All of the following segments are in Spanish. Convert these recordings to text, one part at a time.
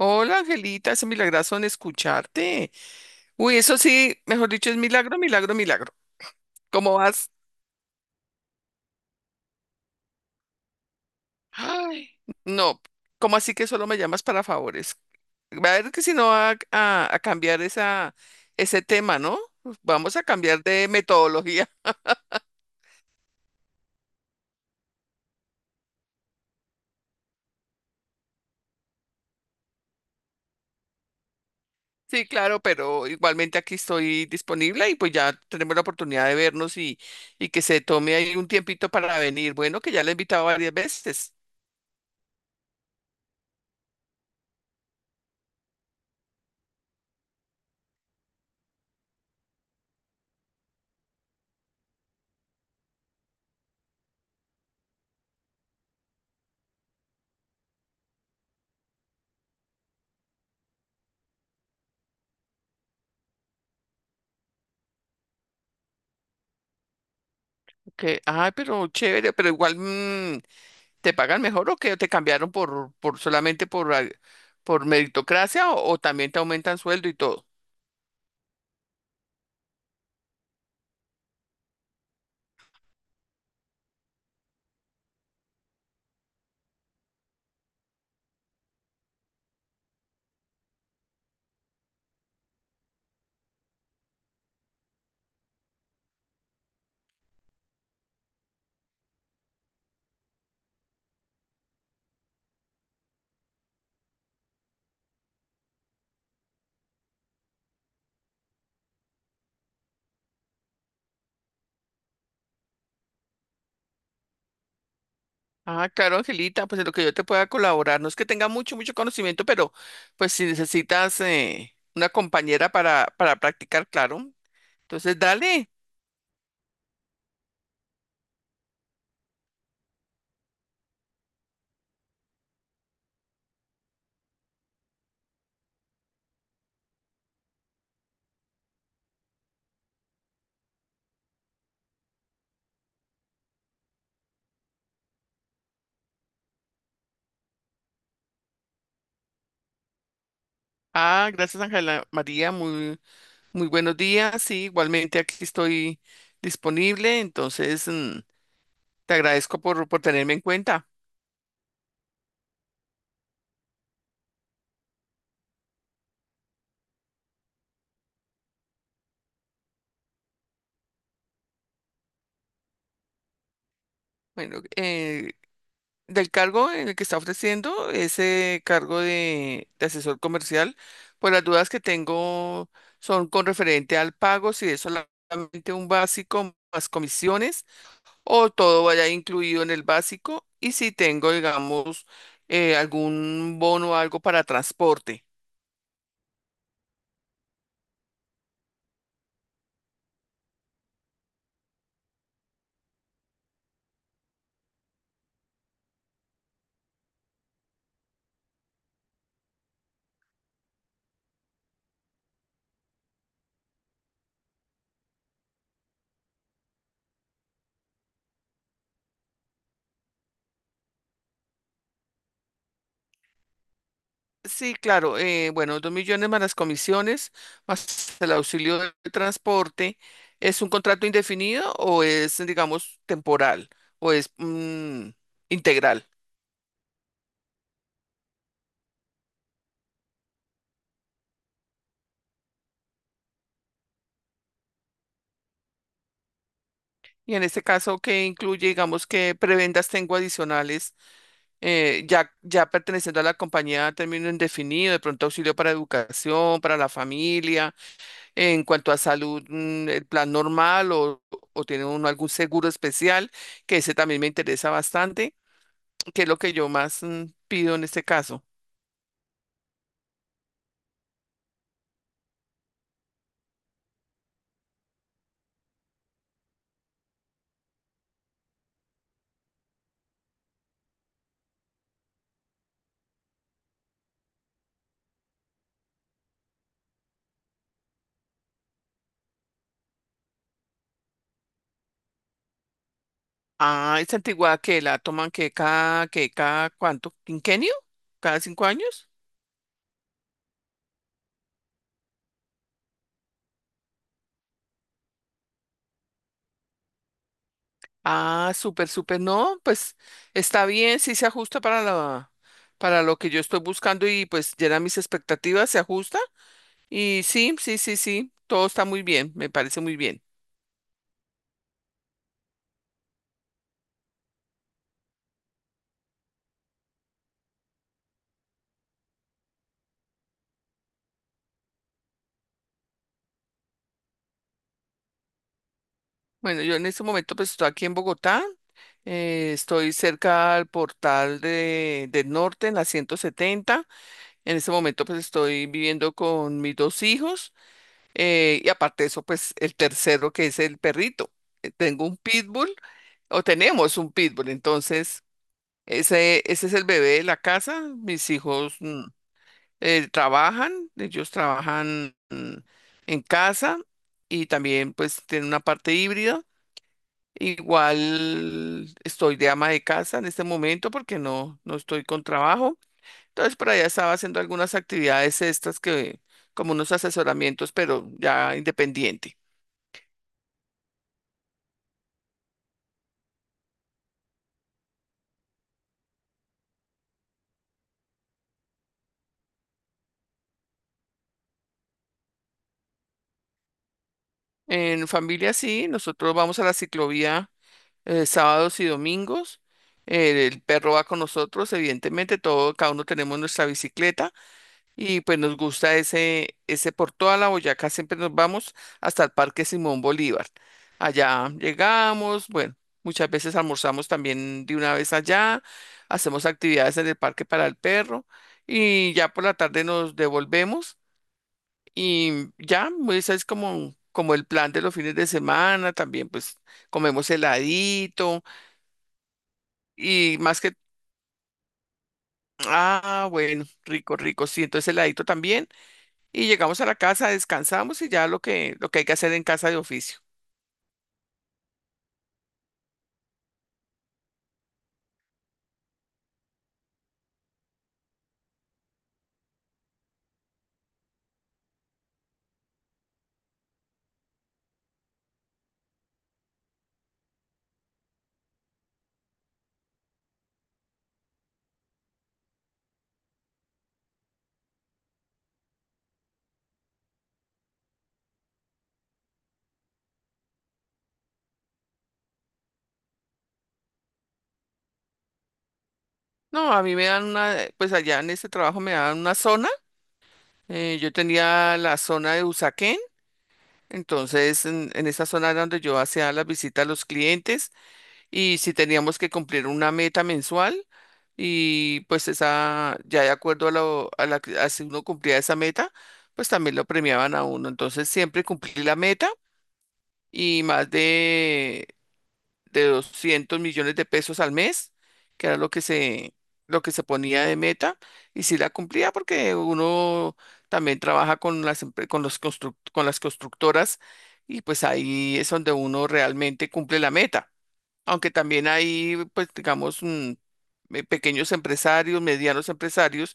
Hola, Angelita, es un milagrazo en escucharte. Uy, eso sí, mejor dicho, es milagro, milagro, milagro. ¿Cómo vas? Ay, no, ¿cómo así que solo me llamas para favores? Va a ver que si no va a cambiar ese tema, ¿no? Vamos a cambiar de metodología. Sí, claro, pero igualmente aquí estoy disponible y pues ya tenemos la oportunidad de vernos y que se tome ahí un tiempito para venir. Bueno, que ya la he invitado varias veces. Que, ay, pero chévere, pero igual, ¿te pagan mejor o que te cambiaron por solamente por meritocracia o también te aumentan sueldo y todo? Ah, claro, Angelita, pues en lo que yo te pueda colaborar, no es que tenga mucho, mucho conocimiento, pero pues si necesitas una compañera para practicar, claro. Entonces, dale. Ah, gracias, Ángela María, muy, muy buenos días. Sí, igualmente aquí estoy disponible, entonces te agradezco por tenerme en cuenta. Bueno, del cargo en el que está ofreciendo ese cargo de asesor comercial, pues las dudas que tengo son con referente al pago, si es solamente un básico más comisiones o todo vaya incluido en el básico y si tengo, digamos, algún bono o algo para transporte. Sí, claro. Bueno, 2 millones más las comisiones, más el auxilio de transporte. ¿Es un contrato indefinido o es, digamos, temporal o es, integral? Y en este caso, ¿qué incluye, digamos, qué prebendas tengo adicionales, ya perteneciendo a la compañía a término indefinido, de pronto auxilio para educación, para la familia, en cuanto a salud, el plan normal o tiene uno algún seguro especial, que ese también me interesa bastante, que es lo que yo más pido en este caso. Ah, esa antigüedad que la toman, que cada, cuánto, ¿quinquenio, cada 5 años? Ah, súper, súper, no, pues está bien, sí se ajusta para lo que yo estoy buscando y pues llena mis expectativas, se ajusta. Y sí, sí, sí, sí, todo está muy bien, me parece muy bien. Bueno, yo en este momento pues estoy aquí en Bogotá. Estoy cerca al portal del norte, en la 170. En este momento pues estoy viviendo con mis dos hijos y, aparte de eso, pues el tercero, que es el perrito. Tengo un pitbull, o tenemos un pitbull. Entonces ese es el bebé de la casa. Mis hijos, ellos trabajan, en casa, y también pues tienen una parte híbrida. Igual estoy de ama de casa en este momento porque no estoy con trabajo. Entonces por allá estaba haciendo algunas actividades, estas que como unos asesoramientos, pero ya independiente. En familia sí, nosotros vamos a la ciclovía sábados y domingos. El perro va con nosotros, evidentemente. Todo, cada uno tenemos nuestra bicicleta. Y pues nos gusta ese por toda la Boyacá, siempre nos vamos hasta el Parque Simón Bolívar. Allá llegamos. Bueno, muchas veces almorzamos también de una vez allá, hacemos actividades en el parque para el perro, y ya por la tarde nos devolvemos. Y ya, pues, ese es como, el plan de los fines de semana. También pues comemos heladito. Y más que, ah, bueno, rico, rico, sí, entonces heladito también. Y llegamos a la casa, descansamos y ya lo que, hay que hacer en casa de oficio. No, a mí me dan una, pues allá en este trabajo me dan una zona. Yo tenía la zona de Usaquén, entonces en esa zona era donde yo hacía las visitas a los clientes, y si teníamos que cumplir una meta mensual, y pues esa, ya de acuerdo a lo, a la, que- a si uno cumplía esa meta, pues también lo premiaban a uno. Entonces siempre cumplí la meta, y más de 200 millones de pesos al mes, que era lo que se, ponía de meta. Y si la cumplía porque uno también trabaja con las, empre- con los construct- con las constructoras, y pues ahí es donde uno realmente cumple la meta. Aunque también hay, pues, digamos, pequeños empresarios, medianos empresarios.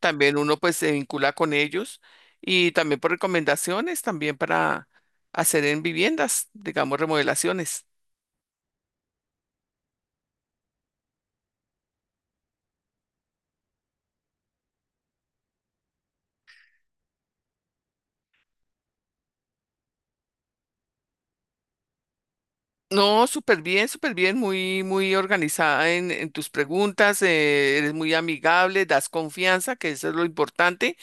También uno pues se vincula con ellos, y también por recomendaciones, también para hacer en viviendas, digamos, remodelaciones. No, súper bien, muy, muy organizada en tus preguntas. Eres muy amigable, das confianza, que eso es lo importante,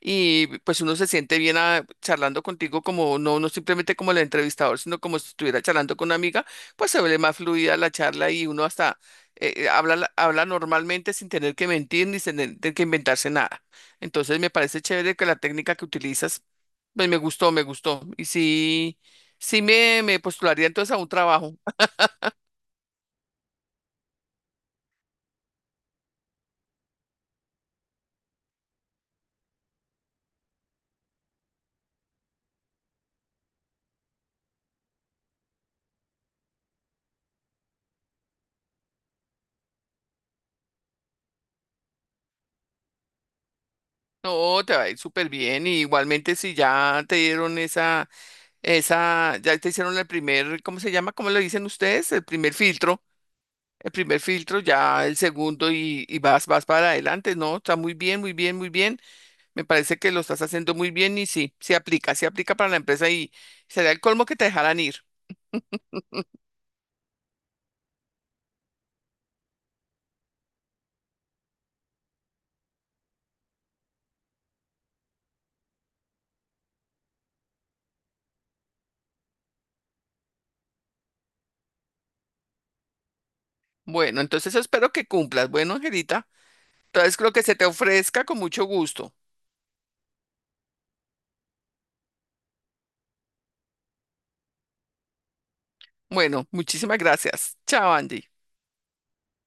y pues uno se siente bien charlando contigo como no, simplemente como el entrevistador, sino como si estuviera charlando con una amiga. Pues se ve más fluida la charla, y uno hasta habla normalmente sin tener que mentir ni sin tener que inventarse nada. Entonces me parece chévere que la técnica que utilizas, pues me gustó, me gustó. Y sí, sí me postularía entonces a un trabajo. No, te va a ir súper bien. Y igualmente, si ya te dieron ya te hicieron el primer, ¿cómo se llama? ¿Cómo le dicen ustedes? El primer filtro. El primer filtro, ya el segundo, y vas, para adelante, ¿no? Está muy bien, muy bien, muy bien. Me parece que lo estás haciendo muy bien, y sí, se aplica, para la empresa, y sería el colmo que te dejaran ir. Bueno, entonces espero que cumplas. Bueno, Angelita, entonces lo que se te ofrezca con mucho gusto. Bueno, muchísimas gracias. Chao, Andy.